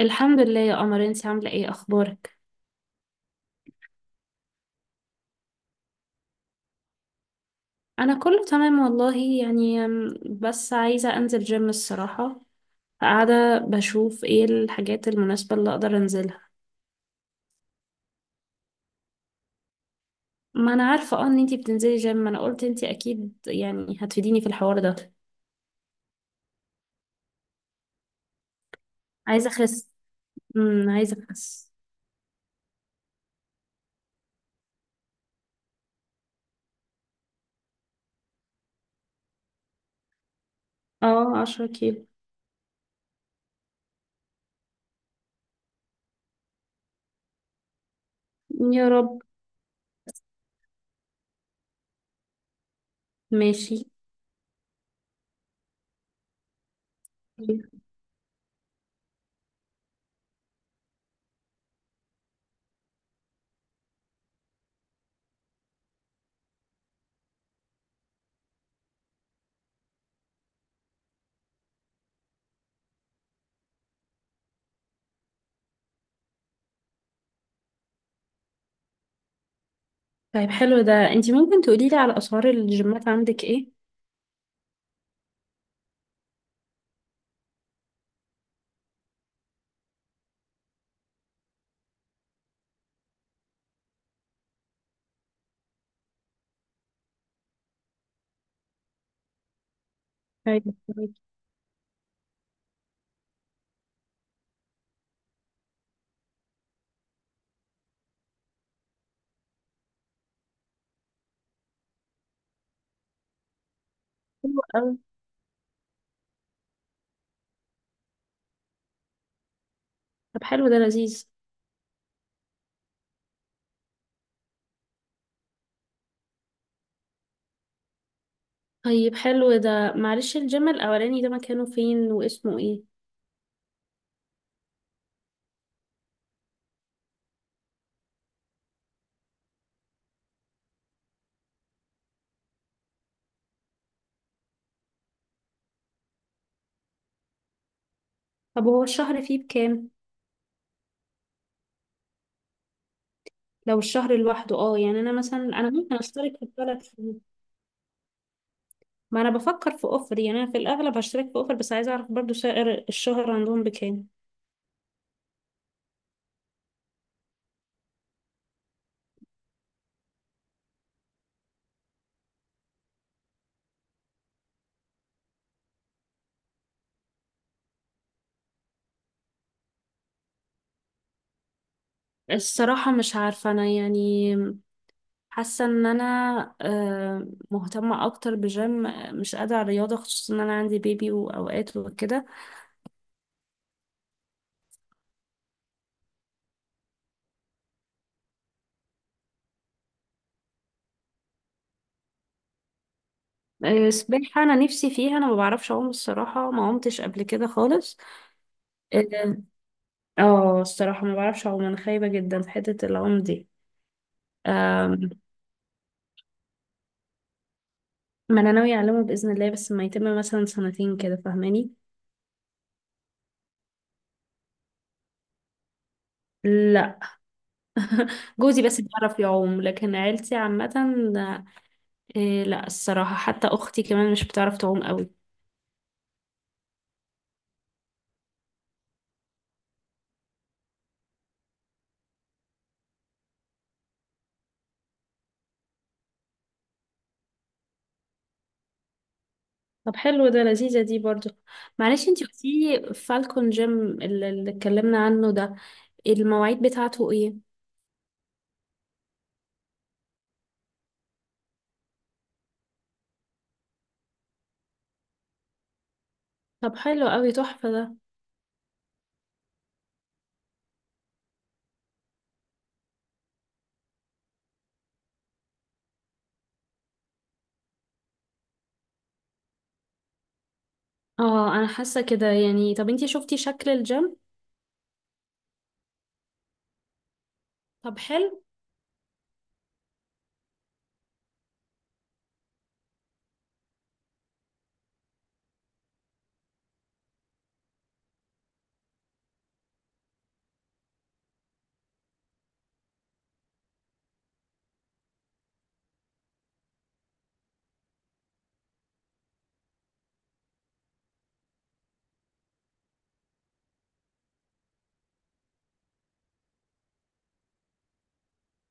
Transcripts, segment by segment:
الحمد لله يا قمر. انت عاملة ايه؟ اخبارك. انا كله تمام والله يعني بس عايزة انزل جيم الصراحة. قاعدة بشوف ايه الحاجات المناسبة اللي اقدر انزلها. ما انا عارفة اه ان انتي بتنزلي جيم. انا قلت انتي اكيد يعني هتفيديني في الحوار ده. عايزة اخس. عايزة اخس. اه، 10 كيلو. يا رب. ماشي. طيب حلو ده، انتي ممكن تقوليلي على اسعار الجيمات عندك ايه؟ طيب. طيب. حلو قوي. طب حلو ده لذيذ. طيب حلو ده، معلش الجيم الأولاني ده مكانه فين واسمه ايه؟ طب هو الشهر فيه بكام؟ لو الشهر لوحده اه، يعني انا مثلا انا ممكن اشترك في ال3 شهور. ما انا بفكر في اوفر، يعني انا في الاغلب هشترك في اوفر، بس عايزه اعرف برضو سعر الشهر عندهم بكام. الصراحه مش عارفه انا يعني. حاسه ان انا مهتمه اكتر بجيم، مش قادره على الرياضه، خصوصا ان انا عندي بيبي واوقات وكده. سباحه انا نفسي فيها، انا ما بعرفش اعوم الصراحه، ما عمتش قبل كده خالص. اه الصراحة ما بعرفش اعوم، انا خايبة جدا في حتة العوم دي. أم، ما انا ناوية اعلمه بإذن الله، بس ما يتم مثلا سنتين كده فاهماني. لا. جوزي بس بيعرف يعوم لكن عيلتي عامة. إيه لا الصراحة، حتى اختي كمان مش بتعرف تعوم قوي. طب حلو ده، لذيذة دي برضو. معلش انتي قلتيلي فالكون جيم، اللي اتكلمنا عنه ده، المواعيد بتاعته ايه؟ طب حلو قوي، تحفة ده. اه انا حاسة كده يعني. طب انتي شفتي شكل الجيم؟ طب حلو.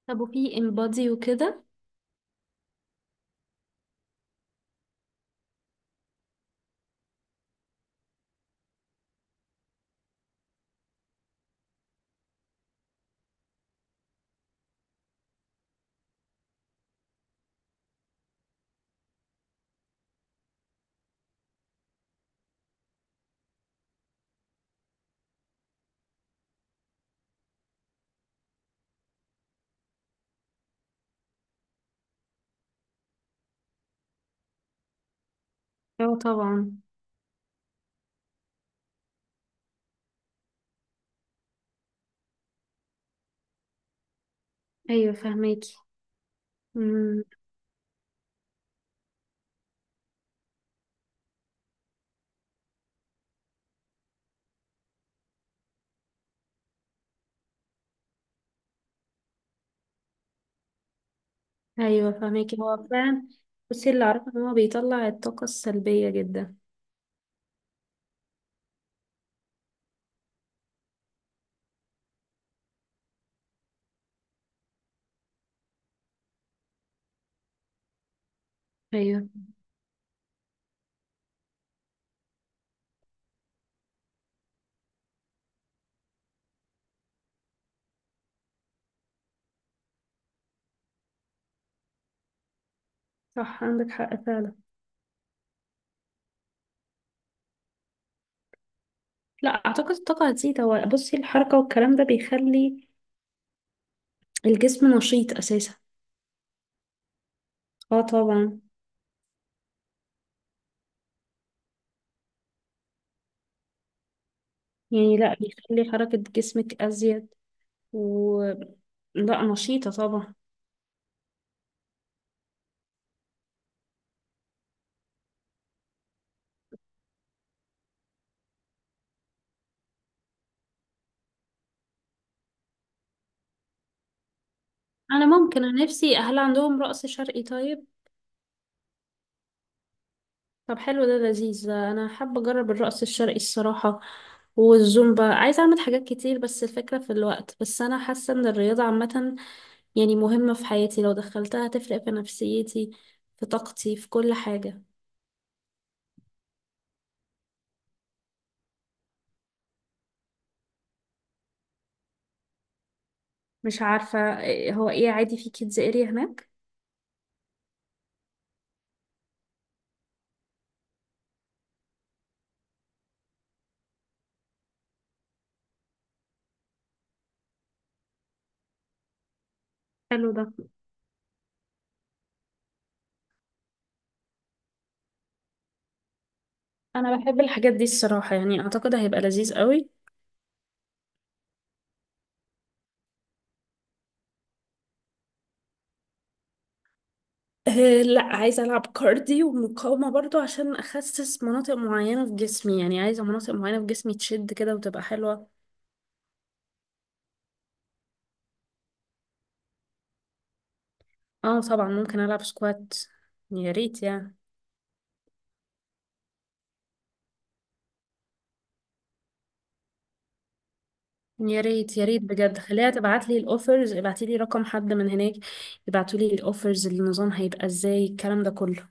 طب وفي انبادي وكده؟ اه طبعا. ايوه فهماكي. امم. ايوه فهماكي، هو فعلا. بصي اللي اعرفه ان هو بيطلع الطاقه السلبيه جدا. ايوه. صح عندك حق فعلا. لا اعتقد الطاقه هتزيد. هو بصي، الحركه والكلام ده بيخلي الجسم نشيط اساسا. اه طبعا. يعني لا بيخلي حركه جسمك ازيد، و، لا نشيطه طبعا. انا ممكن، انا نفسي، هل عندهم رقص شرقي طيب؟ طب حلو ده لذيذ ده، انا حابه اجرب الرقص الشرقي الصراحه والزومبا. عايزه اعمل حاجات كتير بس الفكره في الوقت. بس انا حاسه ان الرياضه عامه يعني مهمه في حياتي، لو دخلتها هتفرق في نفسيتي، في طاقتي، في كل حاجه. مش عارفه هو ايه، عادي في كيدز اريا هناك؟ حلو ده. انا بحب الحاجات دي الصراحه، يعني اعتقد هيبقى لذيذ قوي. أه لا، عايزه العب كارديو ومقاومه برضو عشان اخسس مناطق معينه في جسمي، يعني عايزه مناطق معينه في جسمي تشد كده وتبقى حلوه. اه طبعا، ممكن العب سكوات، يا ريت يعني. يا ريت، يا ريت بجد. خليها تبعت لي الاوفرز، ابعتي لي رقم حد من هناك يبعتوا لي الاوفرز، النظام هيبقى ازاي الكلام ده كله.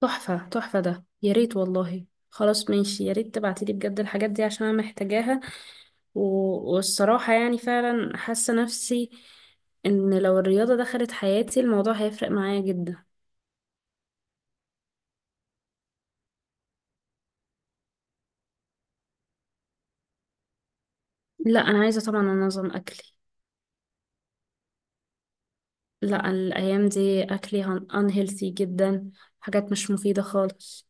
تحفة، تحفة ده، يا ريت والله. خلاص ماشي، يا ريت تبعتي لي بجد الحاجات دي عشان انا محتاجاها. و... والصراحة يعني فعلا حاسة نفسي ان لو الرياضة دخلت حياتي الموضوع هيفرق معايا جدا. لا، انا عايزة طبعا انظم اكلي. لا الأيام دي أكلي unhealthy جدا، حاجات مش مفيدة خالص.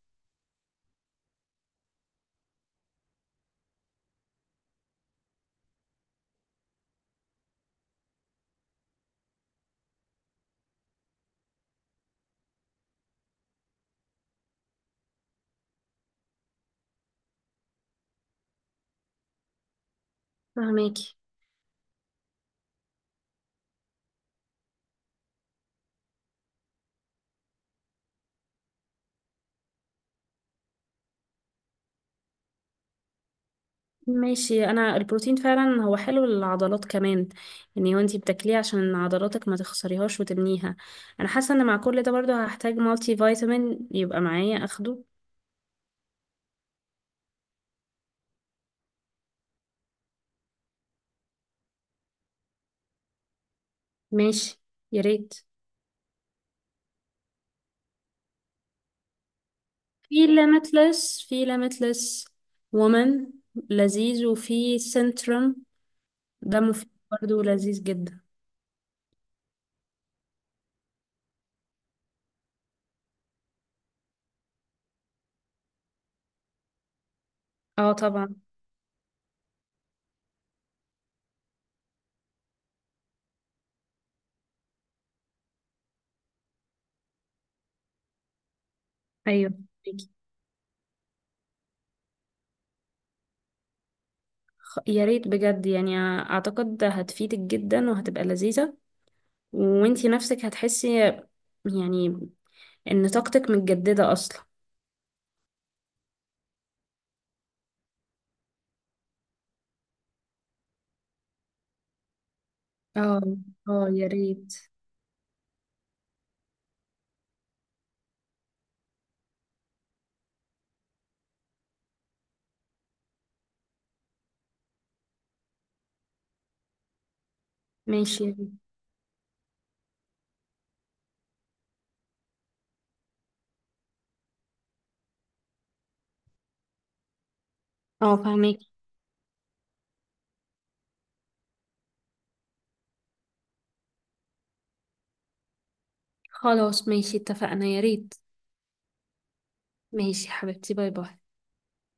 فهماكي. ماشي. أنا البروتين فعلا هو حلو للعضلات كمان يعني، وانتي بتاكليه عشان عضلاتك ما تخسريهاش وتبنيها. أنا حاسة إن مع كل ده برضه هحتاج مالتي فيتامين يبقى معايا أخده. ماشي. يا ريت. في ليميتلس، في ليميتلس وومن لذيذ، وفي سنترم ده مفيد برضه لذيذ جدا. اه طبعا. ايوه يا ريت بجد، يعني اعتقد هتفيدك جدا وهتبقى لذيذة وانتي نفسك هتحسي يعني ان طاقتك متجددة اصلا. اه، اه يا ريت. ماشي يا ريت. اه فهمك. خلاص ماشي اتفقنا، يا ريت. ماشي حبيبتي، باي باي.